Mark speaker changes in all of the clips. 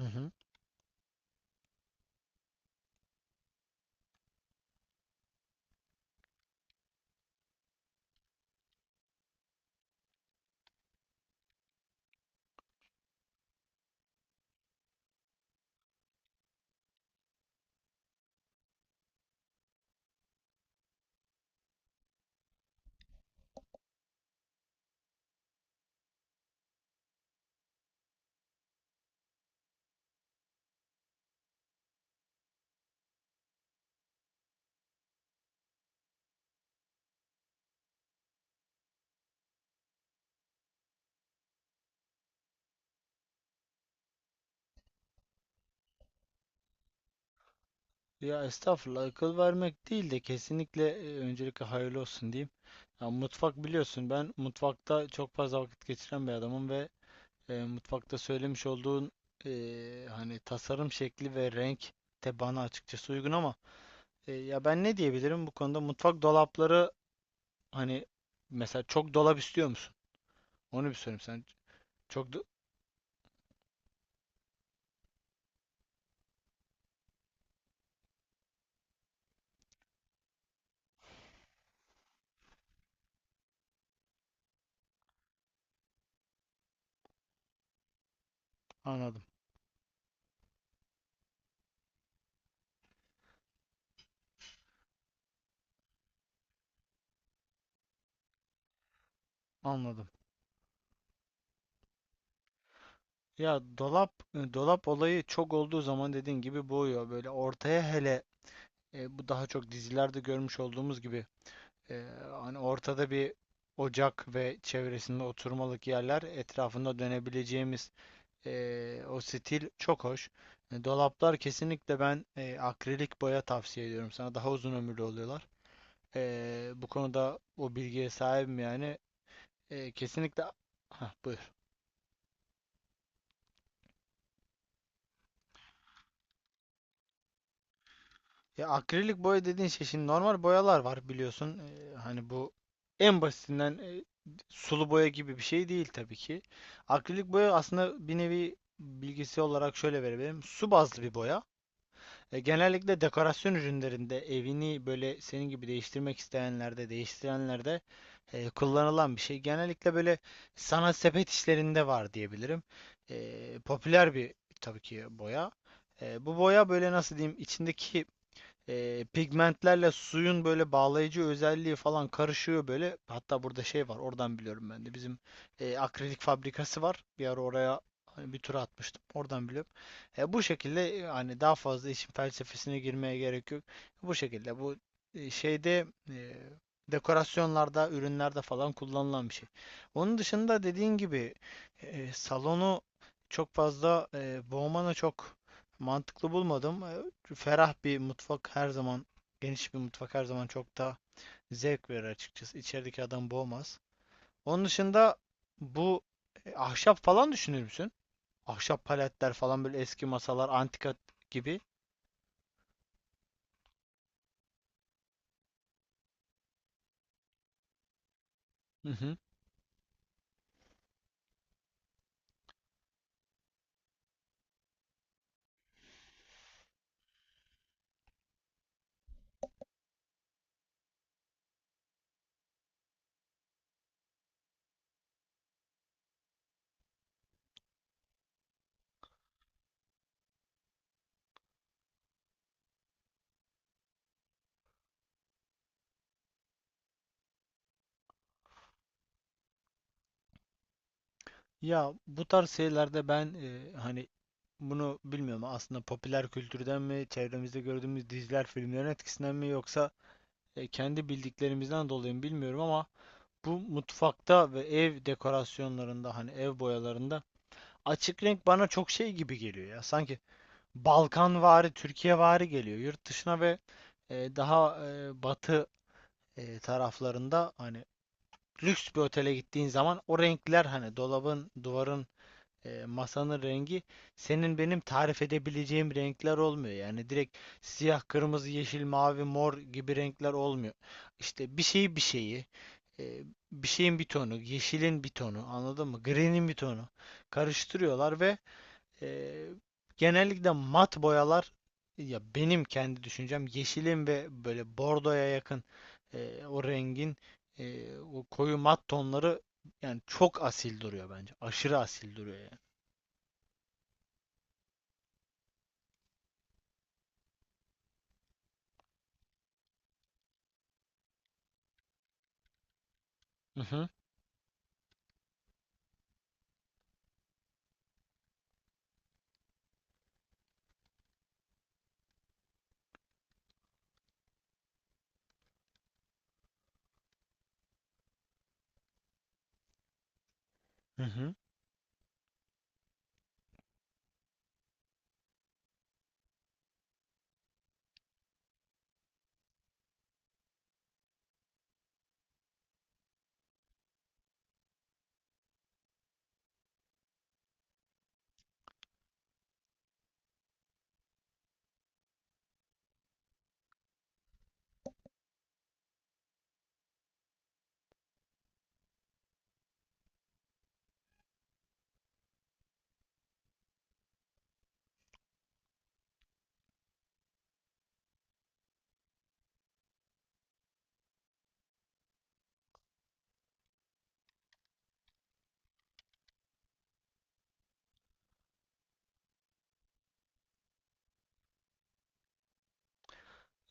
Speaker 1: Hı hı. Ya estağfurullah akıl vermek değil de kesinlikle öncelikle hayırlı olsun diyeyim. Ya mutfak biliyorsun ben mutfakta çok fazla vakit geçiren bir adamım ve mutfakta söylemiş olduğun hani tasarım şekli ve renk de bana açıkçası uygun ama ya ben ne diyebilirim bu konuda mutfak dolapları hani mesela çok dolap istiyor musun? Onu bir sorayım sen. Çok do- Anladım. Anladım. Ya dolap dolap olayı çok olduğu zaman dediğin gibi boğuyor. Böyle ortaya hele, bu daha çok dizilerde görmüş olduğumuz gibi e, hani ortada bir ocak ve çevresinde oturmalık yerler etrafında dönebileceğimiz o stil çok hoş. Dolaplar kesinlikle ben akrilik boya tavsiye ediyorum sana. Daha uzun ömürlü oluyorlar. Bu konuda o bilgiye sahibim yani. E, kesinlikle... Hah, buyur. Ya akrilik boya dediğin şey şimdi normal boyalar var biliyorsun. Hani bu en basitinden sulu boya gibi bir şey değil tabii ki. Akrilik boya aslında bir nevi bilgisi olarak şöyle verebilirim. Su bazlı bir boya. Genellikle dekorasyon ürünlerinde evini böyle senin gibi değiştirmek isteyenlerde, değiştirenlerde kullanılan bir şey. Genellikle böyle sanat sepet işlerinde var diyebilirim. Popüler bir tabii ki boya. Bu boya böyle nasıl diyeyim içindeki pigmentlerle suyun böyle bağlayıcı özelliği falan karışıyor böyle. Hatta burada şey var, oradan biliyorum ben de. Bizim akrilik fabrikası var. Bir ara oraya hani bir tura atmıştım. Oradan biliyorum. Bu şekilde hani daha fazla işin felsefesine girmeye gerek yok. Bu şekilde bu e, şeyde e, dekorasyonlarda, ürünlerde falan kullanılan bir şey. Onun dışında dediğin gibi salonu çok fazla boğmana çok mantıklı bulmadım. Ferah bir mutfak her zaman, geniş bir mutfak her zaman çok daha zevk verir açıkçası. İçerideki adam boğmaz. Onun dışında bu ahşap falan düşünür müsün? Ahşap paletler falan böyle eski masalar, antika gibi. Hı hı. Ya bu tarz şeylerde ben hani bunu bilmiyorum aslında popüler kültürden mi, çevremizde gördüğümüz diziler, filmlerin etkisinden mi yoksa kendi bildiklerimizden dolayı mı bilmiyorum ama bu mutfakta ve ev dekorasyonlarında hani ev boyalarında açık renk bana çok şey gibi geliyor ya. Sanki Balkanvari, Türkiyevari geliyor. Yurt dışına ve daha batı taraflarında hani lüks bir otele gittiğin zaman o renkler hani dolabın, duvarın masanın rengi senin benim tarif edebileceğim renkler olmuyor. Yani direkt siyah, kırmızı, yeşil, mavi, mor gibi renkler olmuyor. İşte e, bir şeyin bir tonu, yeşilin bir tonu, anladın mı? Green'in bir tonu karıştırıyorlar ve e, genellikle mat boyalar, ya benim kendi düşüncem yeşilin ve böyle bordoya yakın o rengin o koyu mat tonları yani çok asil duruyor bence. Aşırı asil duruyor yani. Hı hı, hı hı.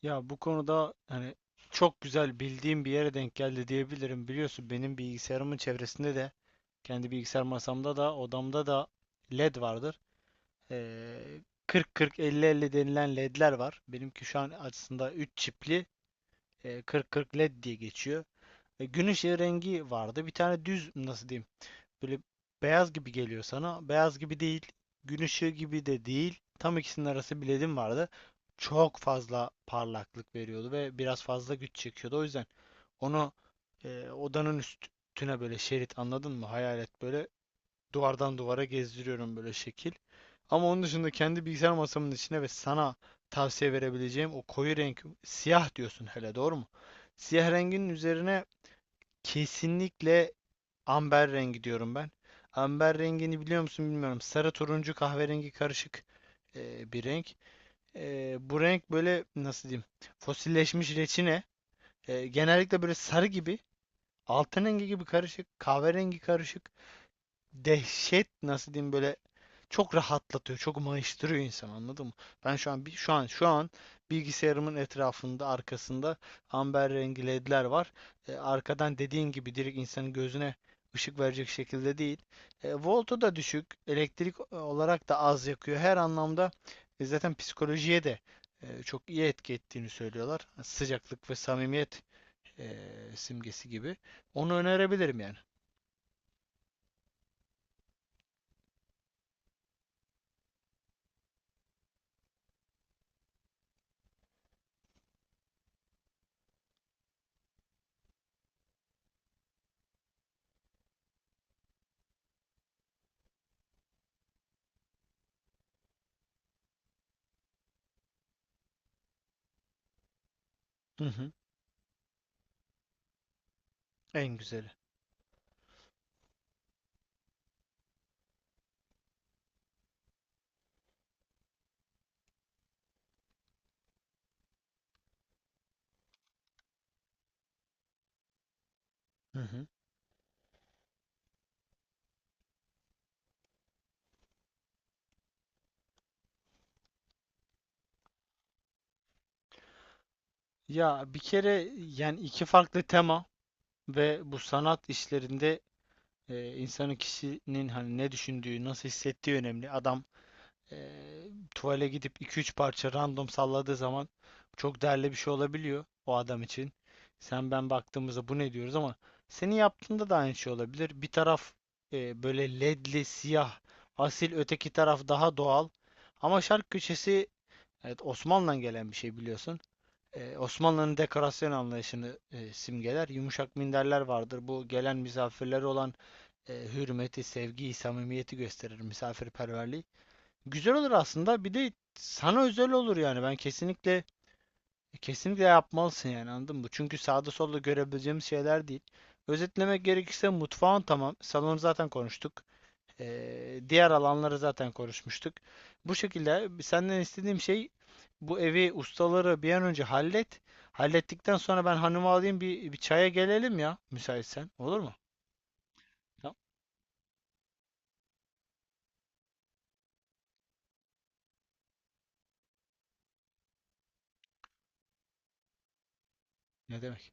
Speaker 1: Ya bu konuda hani çok güzel bildiğim bir yere denk geldi diyebilirim. Biliyorsun benim bilgisayarımın çevresinde de kendi bilgisayar masamda da odamda da LED vardır. Ee, 40-40-50-50 denilen LED'ler var. Benimki şu an aslında 3 çipli 40-40 LED diye geçiyor. Gün ışığı rengi vardı. Bir tane düz nasıl diyeyim böyle beyaz gibi geliyor sana. Beyaz gibi değil. Gün ışığı gibi de değil. Tam ikisinin arası bir ledim vardı. Çok fazla parlaklık veriyordu ve biraz fazla güç çekiyordu. O yüzden onu odanın üstüne böyle şerit anladın mı? Hayalet böyle duvardan duvara gezdiriyorum böyle şekil. Ama onun dışında kendi bilgisayar masamın içine ve sana tavsiye verebileceğim o koyu renk siyah diyorsun hele doğru mu? Siyah rengin üzerine kesinlikle amber rengi diyorum ben. Amber rengini biliyor musun bilmiyorum. Sarı turuncu kahverengi karışık bir renk. Bu renk böyle nasıl diyeyim? Fosilleşmiş reçine. Genellikle böyle sarı gibi, altın rengi gibi karışık, kahverengi karışık dehşet nasıl diyeyim böyle çok rahatlatıyor, çok mayıştırıyor insan anladın mı? Ben şu an bir şu an şu an bilgisayarımın etrafında arkasında amber rengi ledler var. Arkadan dediğin gibi direkt insanın gözüne ışık verecek şekilde değil. Voltu da düşük, elektrik olarak da az yakıyor. Her anlamda zaten psikolojiye de çok iyi etki ettiğini söylüyorlar. Sıcaklık ve samimiyet e, simgesi gibi. Onu önerebilirim yani. Hı hı. En güzeli. Hı hı. Ya bir kere yani iki farklı tema ve bu sanat işlerinde insanın kişinin hani ne düşündüğü, nasıl hissettiği önemli. Adam e, tuvale gidip iki üç parça random salladığı zaman çok değerli bir şey olabiliyor o adam için. Sen ben baktığımızda bu ne diyoruz ama senin yaptığında da aynı şey olabilir. Bir taraf böyle ledli, siyah, asil, öteki taraf daha doğal. Ama şark köşesi evet Osmanlı'dan gelen bir şey biliyorsun. Osmanlı'nın dekorasyon anlayışını simgeler. Yumuşak minderler vardır. Bu gelen misafirlere olan hürmeti, sevgiyi, samimiyeti gösterir misafirperverliği. Güzel olur aslında. Bir de sana özel olur yani. Ben kesinlikle yapmalısın yani anladın mı? Çünkü sağda solda görebileceğimiz şeyler değil. Özetlemek gerekirse mutfağın tamam. Salonu zaten konuştuk. Diğer alanları zaten konuşmuştuk. Bu şekilde senden istediğim şey bu evi ustaları bir an önce hallet. Hallettikten sonra ben hanımı alayım bir çaya gelelim ya müsaitsen. Olur mu? Tamam. Ne demek?